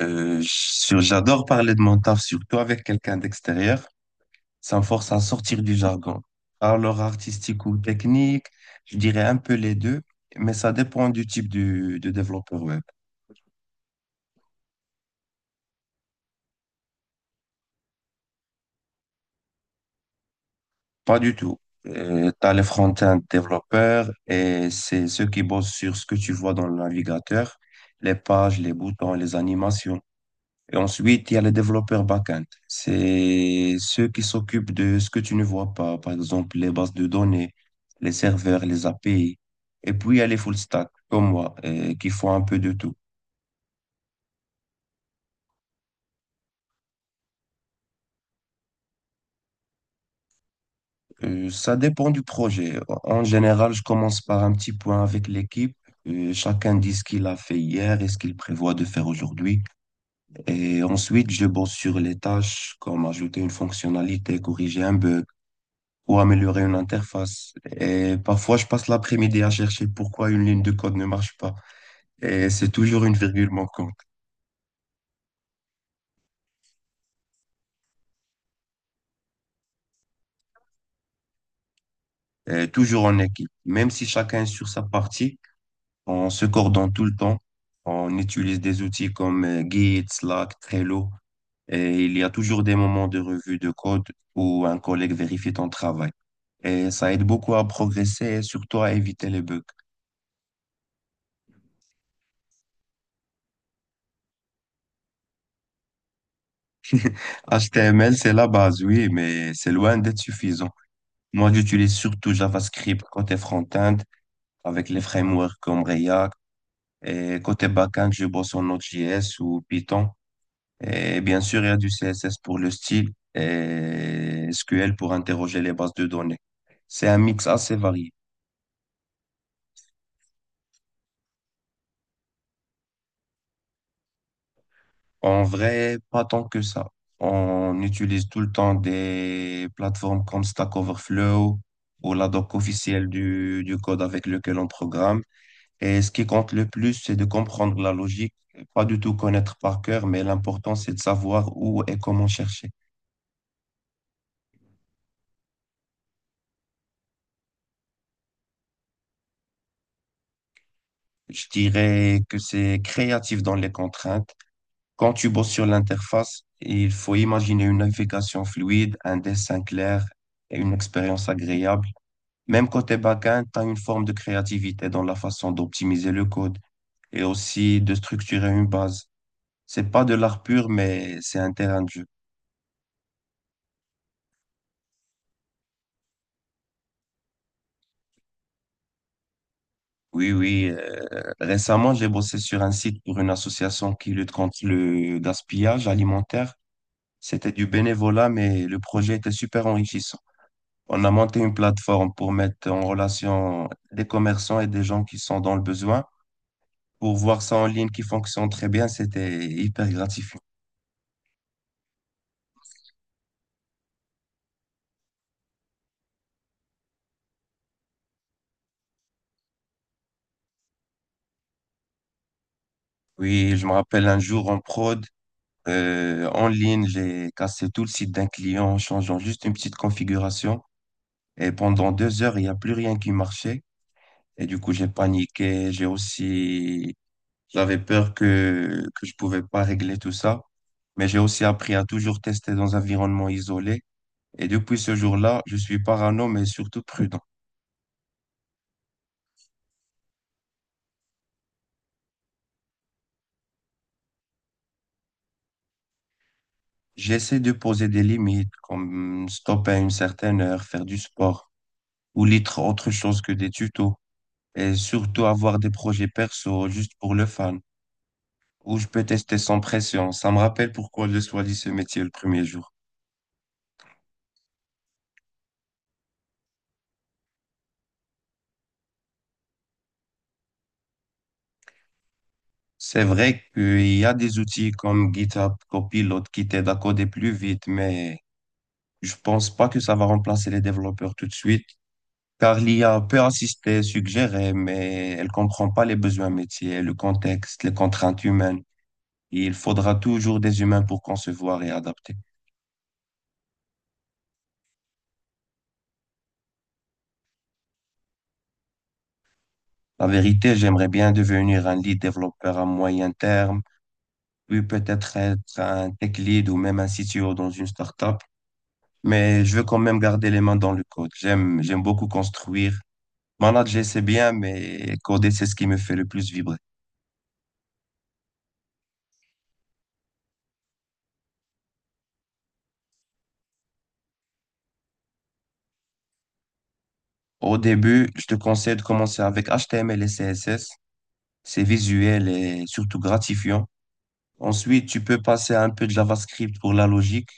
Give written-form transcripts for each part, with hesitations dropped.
J'adore parler de mon taf, surtout avec quelqu'un d'extérieur. Ça me force à sortir du jargon. Alors artistique ou technique, je dirais un peu les deux, mais ça dépend de développeur web. Pas du tout. Tu as les front-end développeurs et c'est ceux qui bossent sur ce que tu vois dans le navigateur, les pages, les boutons, les animations. Et ensuite, il y a les développeurs back-end. C'est ceux qui s'occupent de ce que tu ne vois pas, par exemple les bases de données, les serveurs, les API. Et puis, il y a les full stack, comme moi, qui font un peu de tout. Ça dépend du projet. En général, je commence par un petit point avec l'équipe. Chacun dit ce qu'il a fait hier et ce qu'il prévoit de faire aujourd'hui. Et ensuite, je bosse sur les tâches, comme ajouter une fonctionnalité, corriger un bug ou améliorer une interface. Et parfois, je passe l'après-midi à chercher pourquoi une ligne de code ne marche pas. Et c'est toujours une virgule manquante. Et toujours en équipe. Même si chacun est sur sa partie, on se coordonne tout le temps. On utilise des outils comme Git, Slack, Trello. Et il y a toujours des moments de revue de code où un collègue vérifie ton travail. Et ça aide beaucoup à progresser et surtout à éviter les bugs. HTML, c'est la base, oui, mais c'est loin d'être suffisant. Moi, j'utilise surtout JavaScript côté front-end avec les frameworks comme React. Et côté back-end, je bosse en Node.js ou Python. Et bien sûr, il y a du CSS pour le style et SQL pour interroger les bases de données. C'est un mix assez varié. En vrai, pas tant que ça. On utilise tout le temps des plateformes comme Stack Overflow ou la doc officielle du code avec lequel on programme. Et ce qui compte le plus, c'est de comprendre la logique, pas du tout connaître par cœur, mais l'important, c'est de savoir où et comment chercher. Je dirais que c'est créatif dans les contraintes. Quand tu bosses sur l'interface, il faut imaginer une navigation fluide, un dessin clair et une expérience agréable. Même côté backend, tu as une forme de créativité dans la façon d'optimiser le code et aussi de structurer une base. C'est pas de l'art pur, mais c'est un terrain de jeu. Oui, oui. Récemment, j'ai bossé sur un site pour une association qui lutte contre le gaspillage alimentaire. C'était du bénévolat, mais le projet était super enrichissant. On a monté une plateforme pour mettre en relation des commerçants et des gens qui sont dans le besoin. Pour voir ça en ligne qui fonctionne très bien, c'était hyper gratifiant. Oui, je me rappelle un jour en prod, en ligne, j'ai cassé tout le site d'un client en changeant juste une petite configuration. Et pendant 2 heures, il n'y a plus rien qui marchait. Et du coup, j'ai paniqué. J'ai aussi, j'avais peur que je pouvais pas régler tout ça. Mais j'ai aussi appris à toujours tester dans un environnement isolé. Et depuis ce jour-là, je suis parano, mais surtout prudent. J'essaie de poser des limites, comme stopper à une certaine heure, faire du sport, ou lire autre chose que des tutos. Et surtout avoir des projets perso juste pour le fun, où je peux tester sans pression. Ça me rappelle pourquoi je choisi ce métier le premier jour. C'est vrai qu'il y a des outils comme GitHub Copilot qui t'aident à coder plus vite, mais je pense pas que ça va remplacer les développeurs tout de suite, car l'IA peut assister, suggérer, mais elle comprend pas les besoins métiers, le contexte, les contraintes humaines. Il faudra toujours des humains pour concevoir et adapter. La vérité, j'aimerais bien devenir un lead développeur à moyen terme, puis peut-être être un tech lead ou même un CTO dans une startup. Mais je veux quand même garder les mains dans le code. J'aime beaucoup construire. Manager, c'est bien, mais coder, c'est ce qui me fait le plus vibrer. Au début, je te conseille de commencer avec HTML et CSS. C'est visuel et surtout gratifiant. Ensuite, tu peux passer à un peu de JavaScript pour la logique.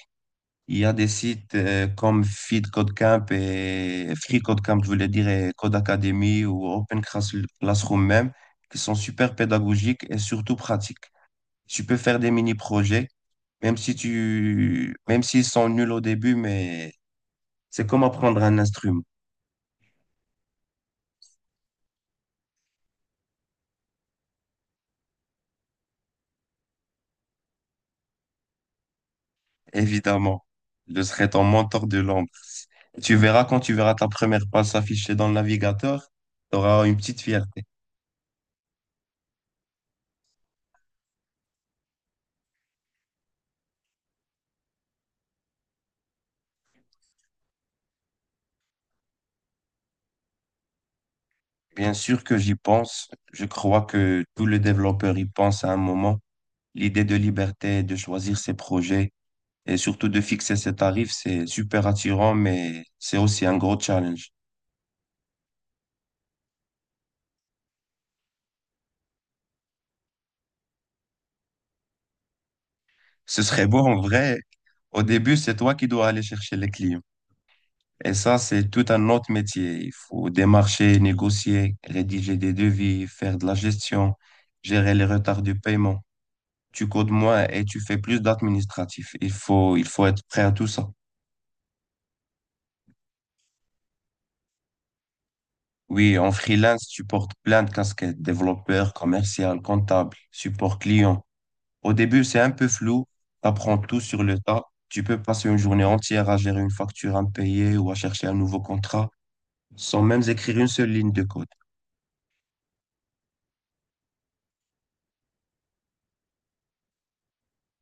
Il y a des sites comme Feed Code Camp et Free Code Camp, je voulais dire, et Code Academy ou Classroom même, qui sont super pédagogiques et surtout pratiques. Tu peux faire des mini-projets, même si tu, même s'ils sont nuls au début, mais c'est comme apprendre un instrument. Évidemment. Je serai ton mentor de l'ombre. Tu verras quand tu verras ta première page s'afficher dans le navigateur, tu auras une petite fierté. Bien sûr que j'y pense. Je crois que tout le développeur y pense à un moment. L'idée de liberté, de choisir ses projets et surtout de fixer ses tarifs, c'est super attirant, mais c'est aussi un gros challenge. Ce serait beau en vrai. Au début, c'est toi qui dois aller chercher les clients. Et ça, c'est tout un autre métier. Il faut démarcher, négocier, rédiger des devis, faire de la gestion, gérer les retards de paiement. Tu codes moins et tu fais plus d'administratif. Il faut être prêt à tout ça. Oui, en freelance, tu portes plein de casquettes, développeur, commercial, comptable, support client. Au début, c'est un peu flou. Tu apprends tout sur le tas. Tu peux passer une journée entière à gérer une facture impayée ou à chercher un nouveau contrat sans même écrire une seule ligne de code.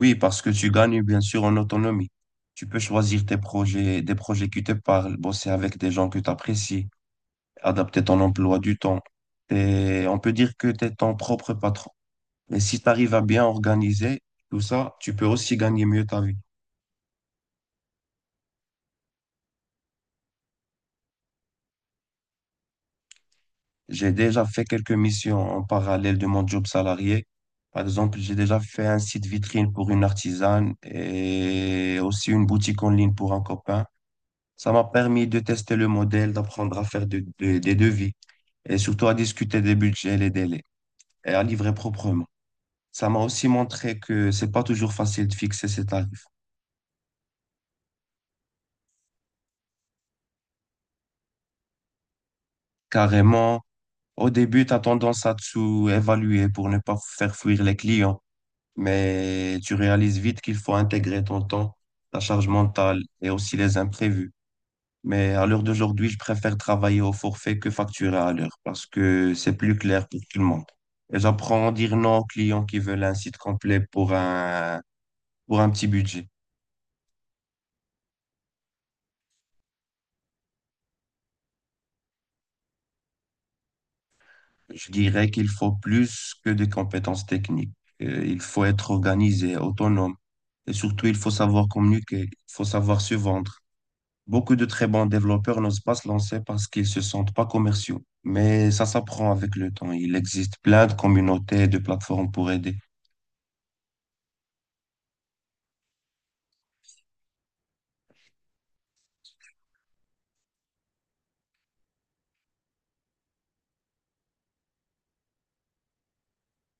Oui, parce que tu gagnes bien sûr en autonomie. Tu peux choisir tes projets, des projets qui te parlent, bosser avec des gens que tu apprécies, adapter ton emploi du temps. Et on peut dire que tu es ton propre patron. Mais si tu arrives à bien organiser tout ça, tu peux aussi gagner mieux ta vie. J'ai déjà fait quelques missions en parallèle de mon job salarié. Par exemple, j'ai déjà fait un site vitrine pour une artisane et aussi une boutique en ligne pour un copain. Ça m'a permis de tester le modèle, d'apprendre à faire des devis et surtout à discuter des budgets, les délais et à livrer proprement. Ça m'a aussi montré que c'est pas toujours facile de fixer ses tarifs. Carrément, au début, tu as tendance à te sous-évaluer pour ne pas faire fuir les clients, mais tu réalises vite qu'il faut intégrer ton temps, ta charge mentale et aussi les imprévus. Mais à l'heure d'aujourd'hui, je préfère travailler au forfait que facturer à l'heure parce que c'est plus clair pour tout le monde. Et j'apprends à dire non aux clients qui veulent un site complet pour pour un petit budget. Je dirais qu'il faut plus que des compétences techniques. Il faut être organisé, autonome. Et surtout, il faut savoir communiquer, il faut savoir se vendre. Beaucoup de très bons développeurs n'osent pas se lancer parce qu'ils se sentent pas commerciaux. Mais ça s'apprend avec le temps. Il existe plein de communautés et de plateformes pour aider.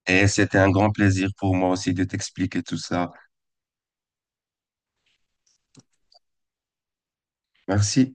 Et c'était un grand plaisir pour moi aussi de t'expliquer tout ça. Merci.